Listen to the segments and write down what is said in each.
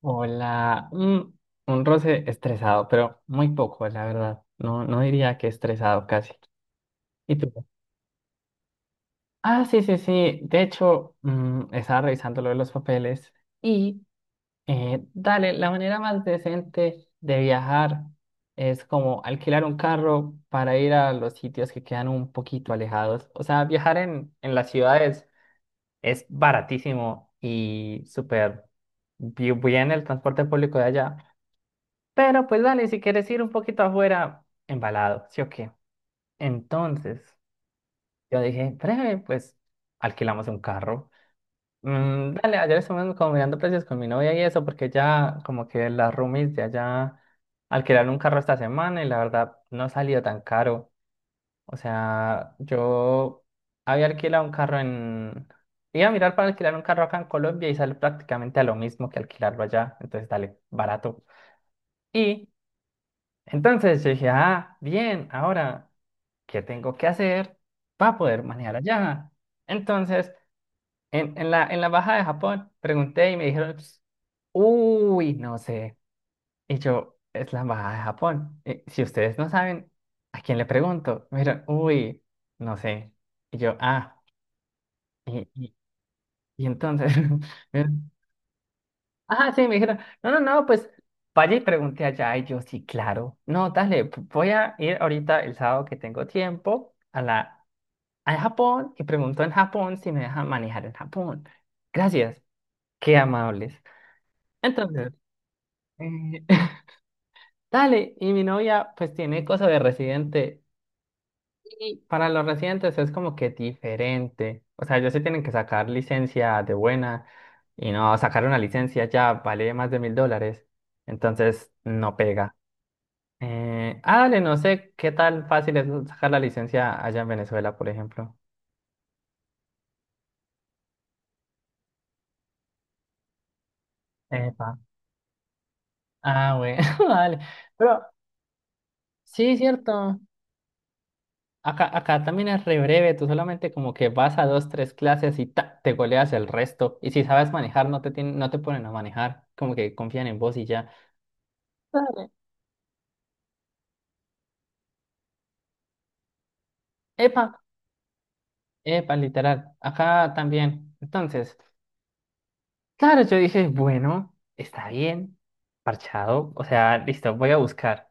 Hola, un roce estresado, pero muy poco, la verdad. No, no diría que estresado casi. ¿Y tú? Ah, sí, sí, sí. De hecho, estaba revisando lo de los papeles y dale, la manera más decente de viajar es como alquilar un carro para ir a los sitios que quedan un poquito alejados. O sea, viajar en las ciudades es baratísimo y súper bien el transporte público de allá. Pero pues dale, si quieres ir un poquito afuera, embalado, ¿sí o qué? Entonces, yo dije, breve, pues alquilamos un carro. Dale, ayer estuvimos como mirando precios con mi novia y eso, porque ya como que las roomies de allá alquilaron un carro esta semana y la verdad no ha salido tan caro. O sea, yo había alquilado un carro en. Iba a mirar para alquilar un carro acá en Colombia y sale prácticamente a lo mismo que alquilarlo allá. Entonces, dale, barato. Y. Entonces yo dije, ah, bien, ahora, ¿qué tengo que hacer para poder manejar allá? Entonces, en la embajada de Japón, pregunté y me dijeron, "Ps, uy, no sé". Y yo, es la embajada de Japón. Y si ustedes no saben, ¿a quién le pregunto? Me dijeron, uy, no sé. Y yo, ah, y, y, y entonces, ajá, sí, me dijeron, no, no, no, pues vaya y pregunté allá. Y yo, sí, claro. No, dale, voy a ir ahorita el sábado que tengo tiempo a la a Japón y pregunto en Japón si me dejan manejar en Japón. Gracias, qué amables. Entonces, eh, dale, y mi novia pues tiene cosa de residente y para los residentes es como que diferente. O sea, ellos sí tienen que sacar licencia de buena y no sacar una licencia ya vale más de $1,000. Entonces, no pega. Dale, no sé qué tan fácil es sacar la licencia allá en Venezuela, por ejemplo. Epa. Ah, bueno, dale. Pero sí, cierto. Acá también es re breve, tú solamente como que vas a dos, tres clases y ta, te goleas el resto. Y si sabes manejar, no te tienen, no te ponen a manejar, como que confían en vos y ya. Dale. Epa, epa, literal. Acá también. Entonces, claro, yo dije, bueno, está bien, parchado. O sea, listo, voy a buscar.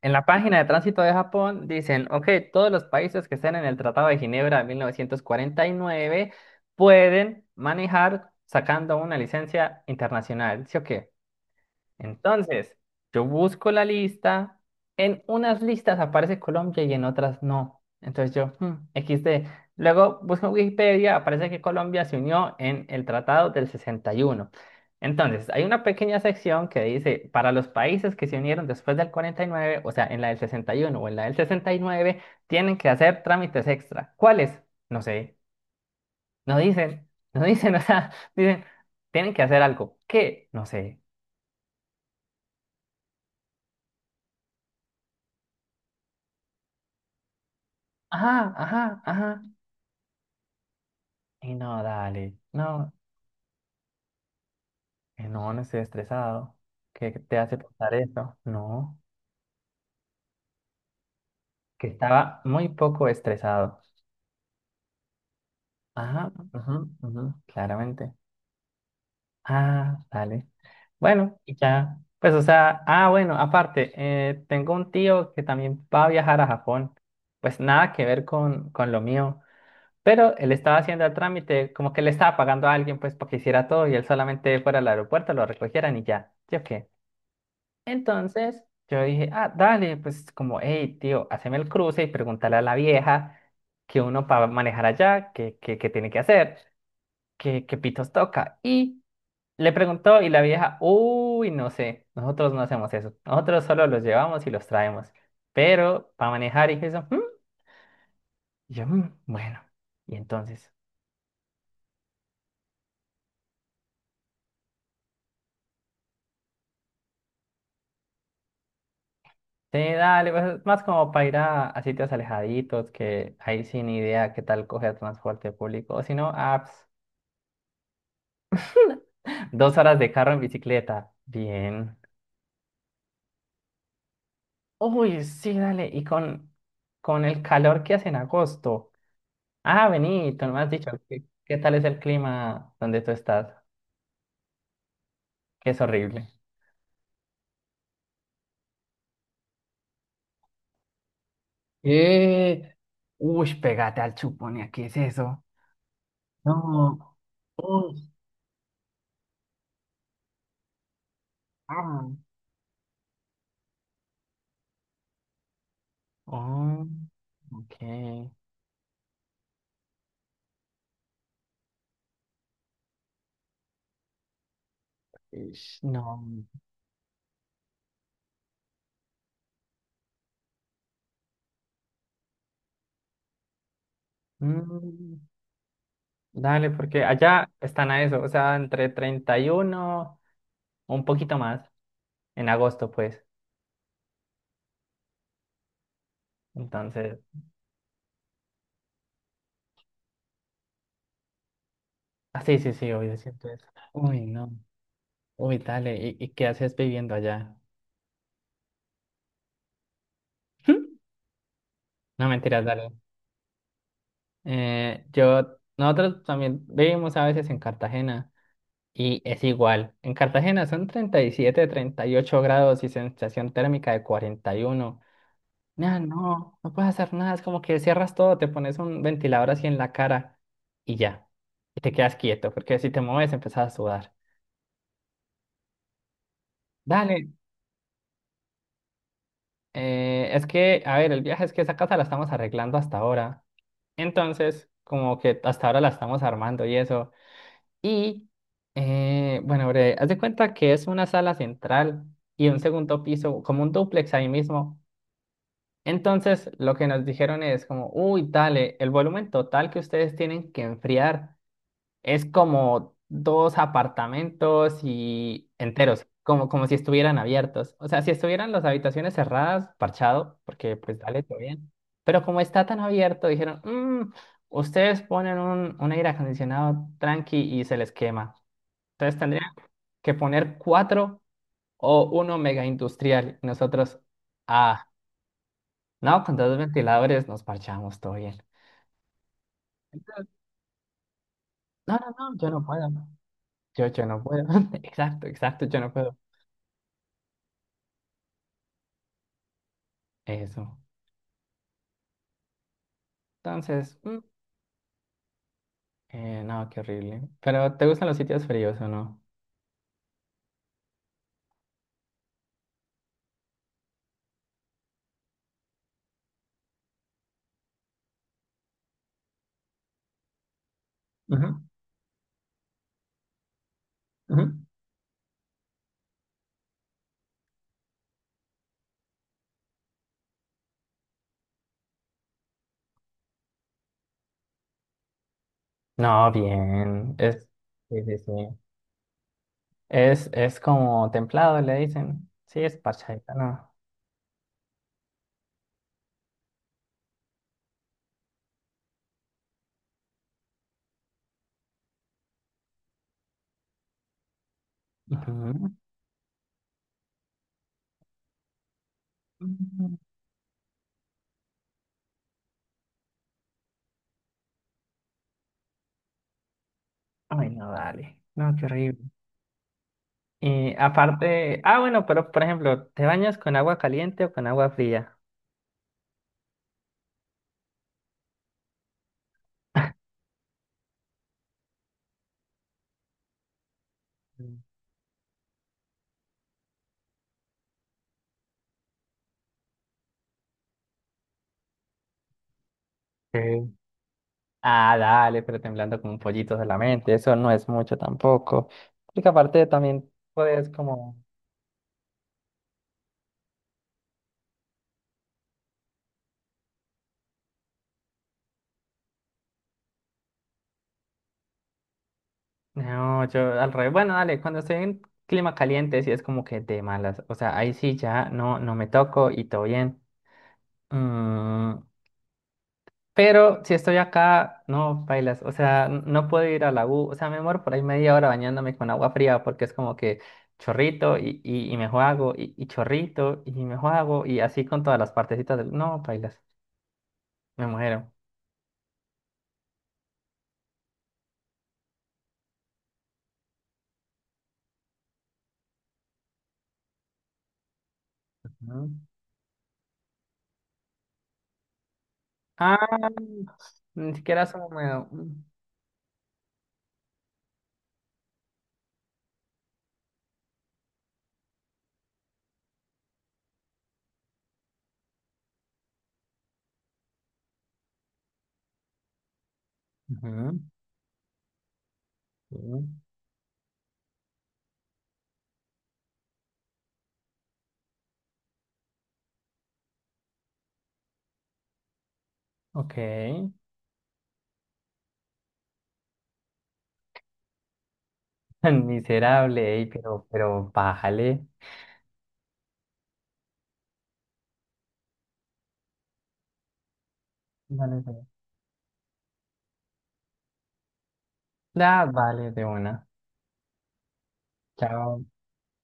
En la página de tránsito de Japón dicen, ok, todos los países que estén en el Tratado de Ginebra de 1949 pueden manejar sacando una licencia internacional, ¿sí o qué? Entonces, yo busco la lista, en unas listas aparece Colombia y en otras no. Entonces yo, hmm, XD. Luego busco en Wikipedia, aparece que Colombia se unió en el Tratado del 61. Entonces, hay una pequeña sección que dice, para los países que se unieron después del 49, o sea, en la del 61 o en la del 69, tienen que hacer trámites extra. ¿Cuáles? No sé. No dicen, no dicen, o sea, dicen, tienen que hacer algo. ¿Qué? No sé. Ajá, ajá, ajá. Y no, dale, no, no, no estoy estresado. ¿Qué te hace pensar eso? No, que estaba muy poco estresado. Ajá, ujú, ujú, claramente. Ah, dale. Bueno, y ya, pues o sea, ah, bueno, aparte, tengo un tío que también va a viajar a Japón. Pues nada que ver con lo mío, pero él estaba haciendo el trámite, como que le estaba pagando a alguien pues para que hiciera todo y él solamente fuera al aeropuerto, lo recogieran y ya. ¿Sí o qué? Entonces yo dije, ah, dale, pues como, hey, tío, haceme el cruce y pregúntale a la vieja que uno para manejar allá, que tiene que hacer, que pitos toca. Y le preguntó y la vieja, uy, no sé, nosotros no hacemos eso, nosotros solo los llevamos y los traemos. Pero para manejar y eso, "Mm". Y yo, "Mm, bueno, y entonces, sí, dale, pues es más como para ir a sitios alejaditos, que ahí sin idea qué tal coger transporte público, o si no, apps. 2 horas de carro en bicicleta. Bien. Uy, sí, dale. Y con el calor que hace en agosto. Ah, vení, tú no me has dicho qué tal es el clima donde tú estás, que es horrible. Eh, uy, pégate al chupón, ¿qué es eso? No, uy, ah, oh, ok. Ish. No. Mm, dale, porque allá están a eso, o sea, entre 31, un poquito más, en agosto, pues. Entonces, ah, sí, sí, sí, obvio, siento eso. Uy, no. Uy, dale, y qué haces viviendo allá? No mentiras, dale. Yo, nosotros también vivimos a veces en Cartagena y es igual. En Cartagena son 30, 37, 38 grados y sensación térmica de 41. No, no, no puedes hacer nada. Es como que cierras todo, te pones un ventilador así en la cara y ya. Y te quedas quieto, porque si te mueves empezás a sudar. Dale. Es que, a ver, el viaje es que esa casa la estamos arreglando hasta ahora. Entonces, como que hasta ahora la estamos armando y eso. Y, bueno, bre, haz de cuenta que es una sala central y un segundo piso, como un dúplex ahí mismo. Entonces, lo que nos dijeron es como, uy, dale, el volumen total que ustedes tienen que enfriar es como dos apartamentos y enteros, como, como si estuvieran abiertos. O sea, si estuvieran las habitaciones cerradas, parchado, porque pues dale, todo bien. Pero como está tan abierto, dijeron, "Mm, ustedes ponen un aire acondicionado tranqui y se les quema. Entonces tendrían que poner cuatro o uno mega industrial". Y nosotros, ah, no, con dos ventiladores nos parchamos, todo bien. Entonces, no, no, no, yo no puedo. Yo no puedo. Exacto, exacto, yo no puedo. Eso. Entonces, no, qué horrible. Pero, ¿te gustan los sitios fríos o no? Ujú, ujú. No, bien. Sí, sí, sí. Es como templado, le dicen. Sí, es parchadita, no. Ujú. Mm. Ay, no, dale. No, qué horrible. Y aparte, ah, bueno, pero por ejemplo, ¿te bañas con agua caliente o con agua fría? Mm. Ok. Ah, dale, pero temblando como un pollito solamente, eso no es mucho tampoco. Porque aparte también puedes como, no, yo al revés, bueno, dale, cuando estoy en clima caliente sí es como que de malas, o sea, ahí sí ya no, no me toco y todo bien. Mm, pero si estoy acá, no, bailas, o sea, no puedo ir a la U, o sea, me muero por ahí media hora bañándome con agua fría porque es como que chorrito y me juego y chorrito y me juego y así con todas las partecitas del, no, bailas, me muero. Ujú. Ah, ni siquiera es húmedo. Mm. Ujú, sí. Ok. Tan miserable, ey, pero bájale. Vale, vale. Ah, vale, de una. Chao.